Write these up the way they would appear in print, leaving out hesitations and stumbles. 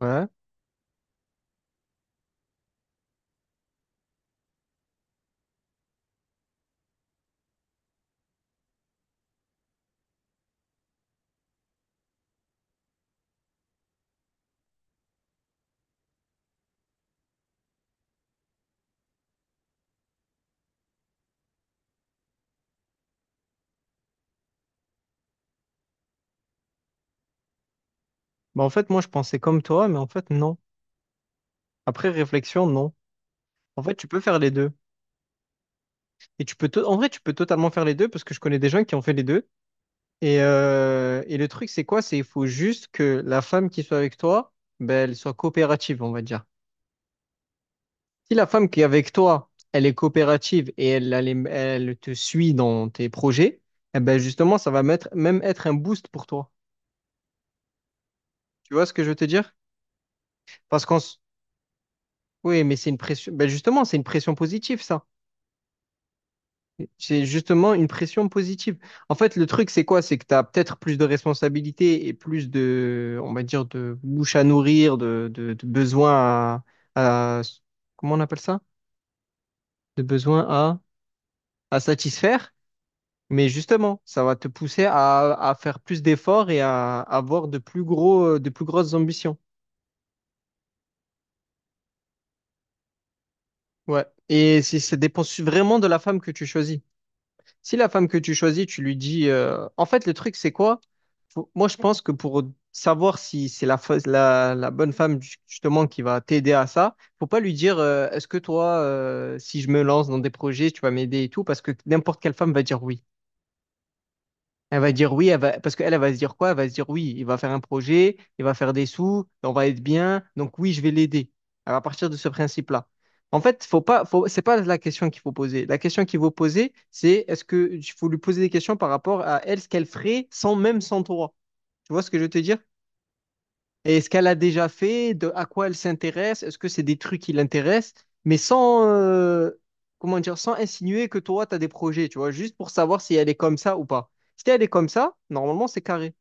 Ouais. Bah, en fait, moi, je pensais comme toi, mais en fait, non. Après réflexion, non. En fait, tu peux faire les deux. Et tu peux en vrai, tu peux totalement faire les deux parce que je connais des gens qui ont fait les deux. Et le truc, c'est quoi? C'est il faut juste que la femme qui soit avec toi, ben, elle soit coopérative, on va dire. Si la femme qui est avec toi, elle est coopérative et elle te suit dans tes projets, eh ben, justement, ça va mettre, même être un boost pour toi. Tu vois ce que je veux te dire? Parce Oui, mais c'est une pression. Ben, justement, c'est une pression positive, ça. C'est justement une pression positive. En fait, le truc, c'est quoi? C'est que tu as peut-être plus de responsabilités et plus de, on va dire, de bouche à nourrir, de besoins à, à- comment on appelle ça? De besoins à satisfaire. Mais justement, ça va te pousser à faire plus d'efforts et à avoir de plus gros, de plus grosses ambitions. Ouais. Ça dépend vraiment de la femme que tu choisis. Si la femme que tu choisis, tu lui dis... En fait, le truc, c'est quoi? Moi, je pense que pour savoir si c'est la bonne femme, justement, qui va t'aider à ça, faut pas lui dire, est-ce que toi, si je me lance dans des projets, tu vas m'aider et tout, parce que n'importe quelle femme va dire oui. Elle va dire oui, elle va... parce qu'elle, elle va se dire quoi? Elle va se dire oui, il va faire un projet, il va faire des sous, on va être bien, donc oui, je vais l'aider. Elle va partir de ce principe-là. En fait, faut... c'est pas la question qu'il faut poser. La question qu'il faut poser, c'est est-ce que il faut lui poser des questions par rapport à elle, ce qu'elle ferait sans même sans toi. Tu vois ce que je veux te dire? Et est-ce qu'elle a déjà fait? De, à quoi elle s'intéresse? Est-ce que c'est des trucs qui l'intéressent? Mais sans, comment dire, sans insinuer que toi, tu as des projets, tu vois, juste pour savoir si elle est comme ça ou pas. Si elle est comme ça, normalement, c'est carré.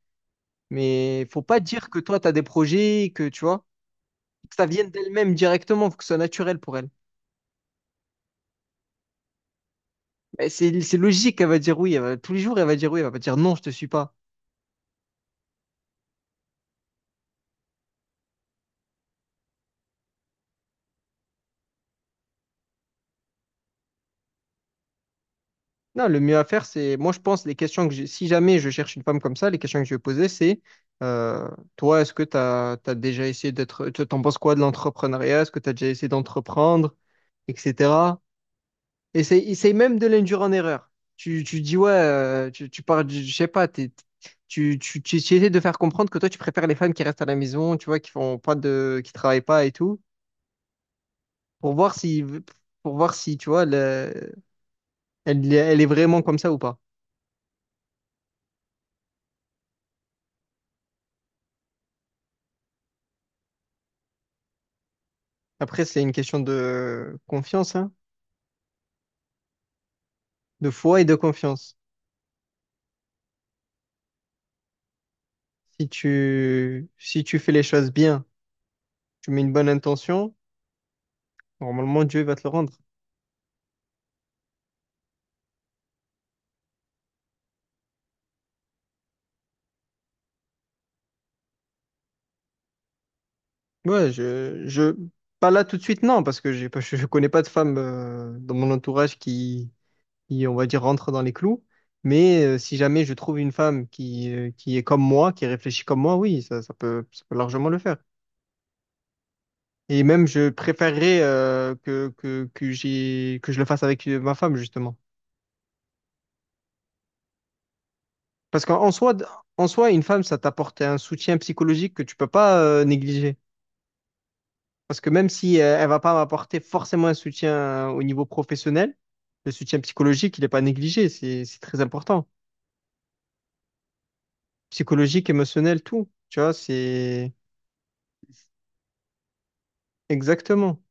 Mais faut pas dire que toi, tu as des projets, que tu vois, que ça vienne d'elle-même directement, faut que ce soit naturel pour elle. Mais c'est logique, elle va dire oui, tous les jours, elle va dire oui, elle va pas dire non, je te suis pas. Non, le mieux à faire, c'est, moi je pense, les questions que j'ai, si jamais je cherche une femme comme ça, les questions que je vais poser, c'est, euh, toi, est-ce que tu as, déjà essayé d'être, t'en penses quoi de l'entrepreneuriat? Est-ce que tu as déjà essayé d'entreprendre, etc. Essaye, essaye même de l'induire en erreur. Tu dis, ouais, tu parles, je sais pas, tu essaies de faire comprendre que toi, tu préfères les femmes qui restent à la maison, tu vois, qui font pas de, qui travaillent pas et tout, pour voir si, pour voir si, tu vois, elle, elle est vraiment comme ça ou pas. Après, c'est une question de confiance, hein, de foi et de confiance. Si si tu fais les choses bien, tu mets une bonne intention, normalement Dieu va te le rendre. Ouais, pas là tout de suite, non, parce que j'ai pas, je connais pas de femme dans mon entourage qui, on va dire, rentre dans les clous. Mais si jamais je trouve une femme qui est comme moi, qui réfléchit comme moi, oui, ça peut largement le faire. Et même, je préférerais que j'ai, que je le fasse avec ma femme, justement. Parce qu'en soi, en soi, une femme, ça t'apporte un soutien psychologique que tu peux pas négliger. Parce que même si elle va pas m'apporter forcément un soutien au niveau professionnel, le soutien psychologique, il n'est pas négligé. C'est très important. Psychologique, émotionnel, tout. Tu vois, c'est exactement.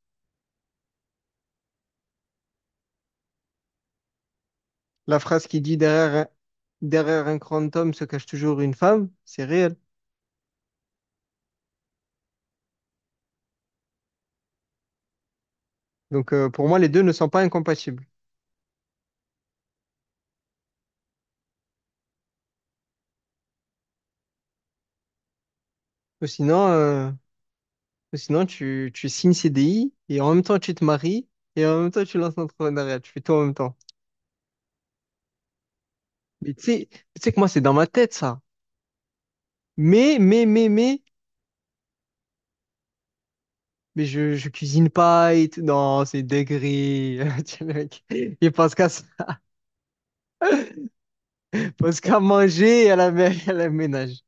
La phrase qui dit derrière, derrière un grand homme se cache toujours une femme, c'est réel. Donc pour moi, les deux ne sont pas incompatibles. Sinon, euh, Ou sinon, tu signes CDI et en même temps, tu te maries et en même temps, tu lances l'entrepreneuriat. Tu fais tout en même temps. Mais tu sais que moi, c'est dans ma tête, ça. Mais, mais, mais, mais, mais je cuisine pas et tout. Non, c'est dinguerie. Tu sais, le mec, Il pense qu'à se- pense qu'à manger et à à la ménage.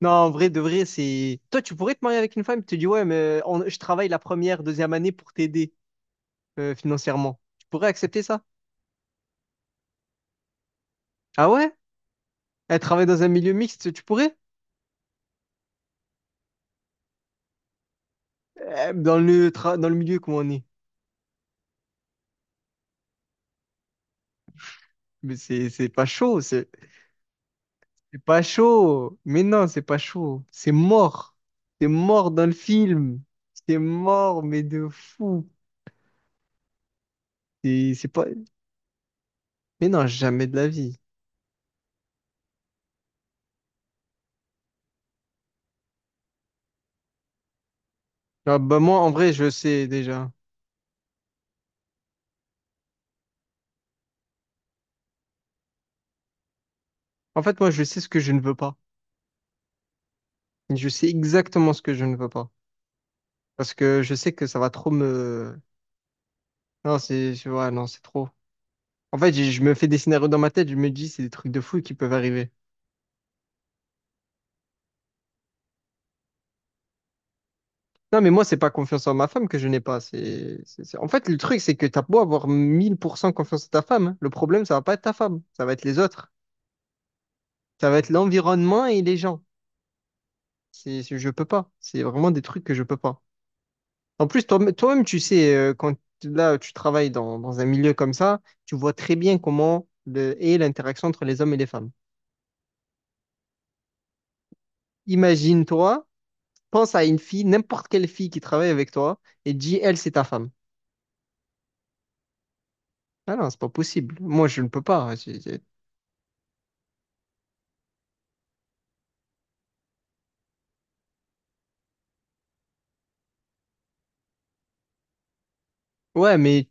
Non, en vrai, de vrai, c'est. Toi, tu pourrais te marier avec une femme tu te dit ouais, mais je travaille la première, deuxième année pour t'aider financièrement. Tu pourrais accepter ça? Ah ouais? Elle travaille dans un milieu mixte, tu pourrais? Dans le dans le milieu comment on est. Mais c'est pas chaud, c'est pas chaud. Mais non, c'est pas chaud. C'est mort. C'est mort dans le film. C'est mort, mais de fou. C'est pas. Mais non, jamais de la vie. Ah, bah moi, en vrai, je sais déjà. En fait, moi, je sais ce que je ne veux pas. Je sais exactement ce que je ne veux pas. Parce que je sais que ça va trop me. Non, c'est. Ouais, non, c'est trop. En fait, je me fais des scénarios dans ma tête, je me dis, c'est des trucs de fou qui peuvent arriver. Non, mais moi, c'est pas confiance en ma femme que je n'ai pas. En fait, le truc, c'est que t'as beau avoir 1000% confiance en ta femme, hein. Le problème, ça va pas être ta femme. Ça va être les autres. Ça va être l'environnement et les gens. Je peux pas. C'est vraiment des trucs que je peux pas. En plus, toi, toi-même, tu sais, quand là, tu travailles dans un milieu comme ça, tu vois très bien comment est l'interaction entre les hommes et les femmes. Imagine-toi, pense à une fille, n'importe quelle fille qui travaille avec toi, et dis, elle, c'est ta femme. Ah non, c'est pas possible. Moi, je ne peux pas. Ouais, mais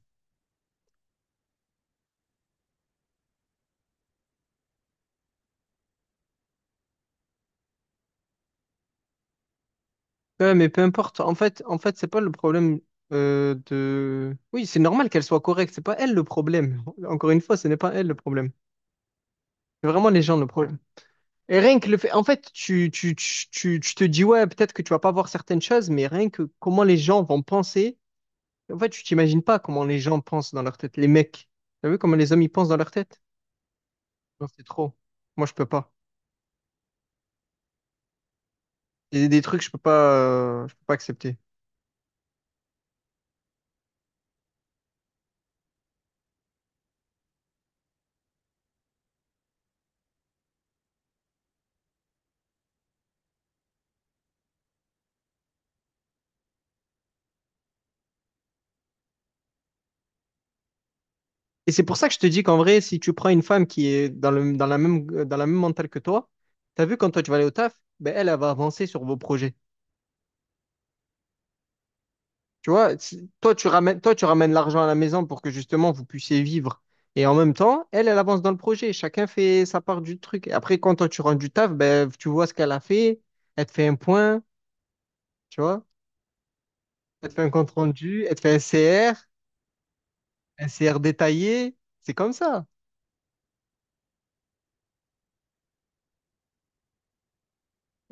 ouais, mais peu importe. En fait, c'est pas le problème de. Oui, c'est normal qu'elle soit correcte. C'est pas elle le problème. Encore une fois, ce n'est pas elle le problème. C'est vraiment les gens le problème. Et rien que le fait. En fait, tu te dis, ouais, peut-être que tu vas pas voir certaines choses, mais rien que comment les gens vont penser. En fait, tu t'imagines pas comment les gens pensent dans leur tête. Les mecs. T'as vu comment les hommes ils pensent dans leur tête? Non, c'est trop. Moi, je peux pas. Il y a des trucs, je peux pas accepter. Et c'est pour ça que je te dis qu'en vrai, si tu prends une femme qui est dans le, dans la même mentale que toi, t'as vu quand toi tu vas aller au taf, ben elle, elle va avancer sur vos projets. Tu vois, toi tu ramènes l'argent à la maison pour que justement vous puissiez vivre. Et en même temps, elle, elle avance dans le projet. Chacun fait sa part du truc. Et après, quand toi tu rentres du taf, ben tu vois ce qu'elle a fait. Elle te fait un point, tu vois. Elle te fait un compte rendu, elle te fait un CR, un CR détaillé. C'est comme ça.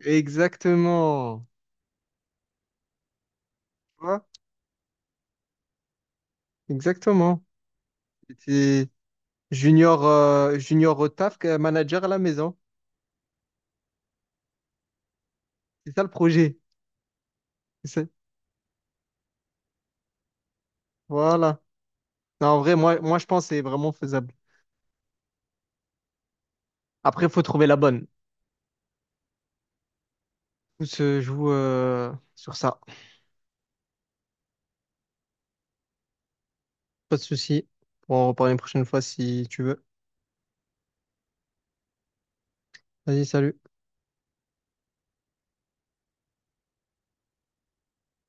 Exactement. Tu vois? Exactement. C'est- Junior, junior au taf, manager à la maison. C'est ça le projet. Ça. Voilà. Non, en vrai, moi, je pense que c'est vraiment faisable. Après, il faut trouver la bonne. Tout se joue sur ça. Pas de souci. On en reparler une prochaine fois si tu veux. Vas-y, salut.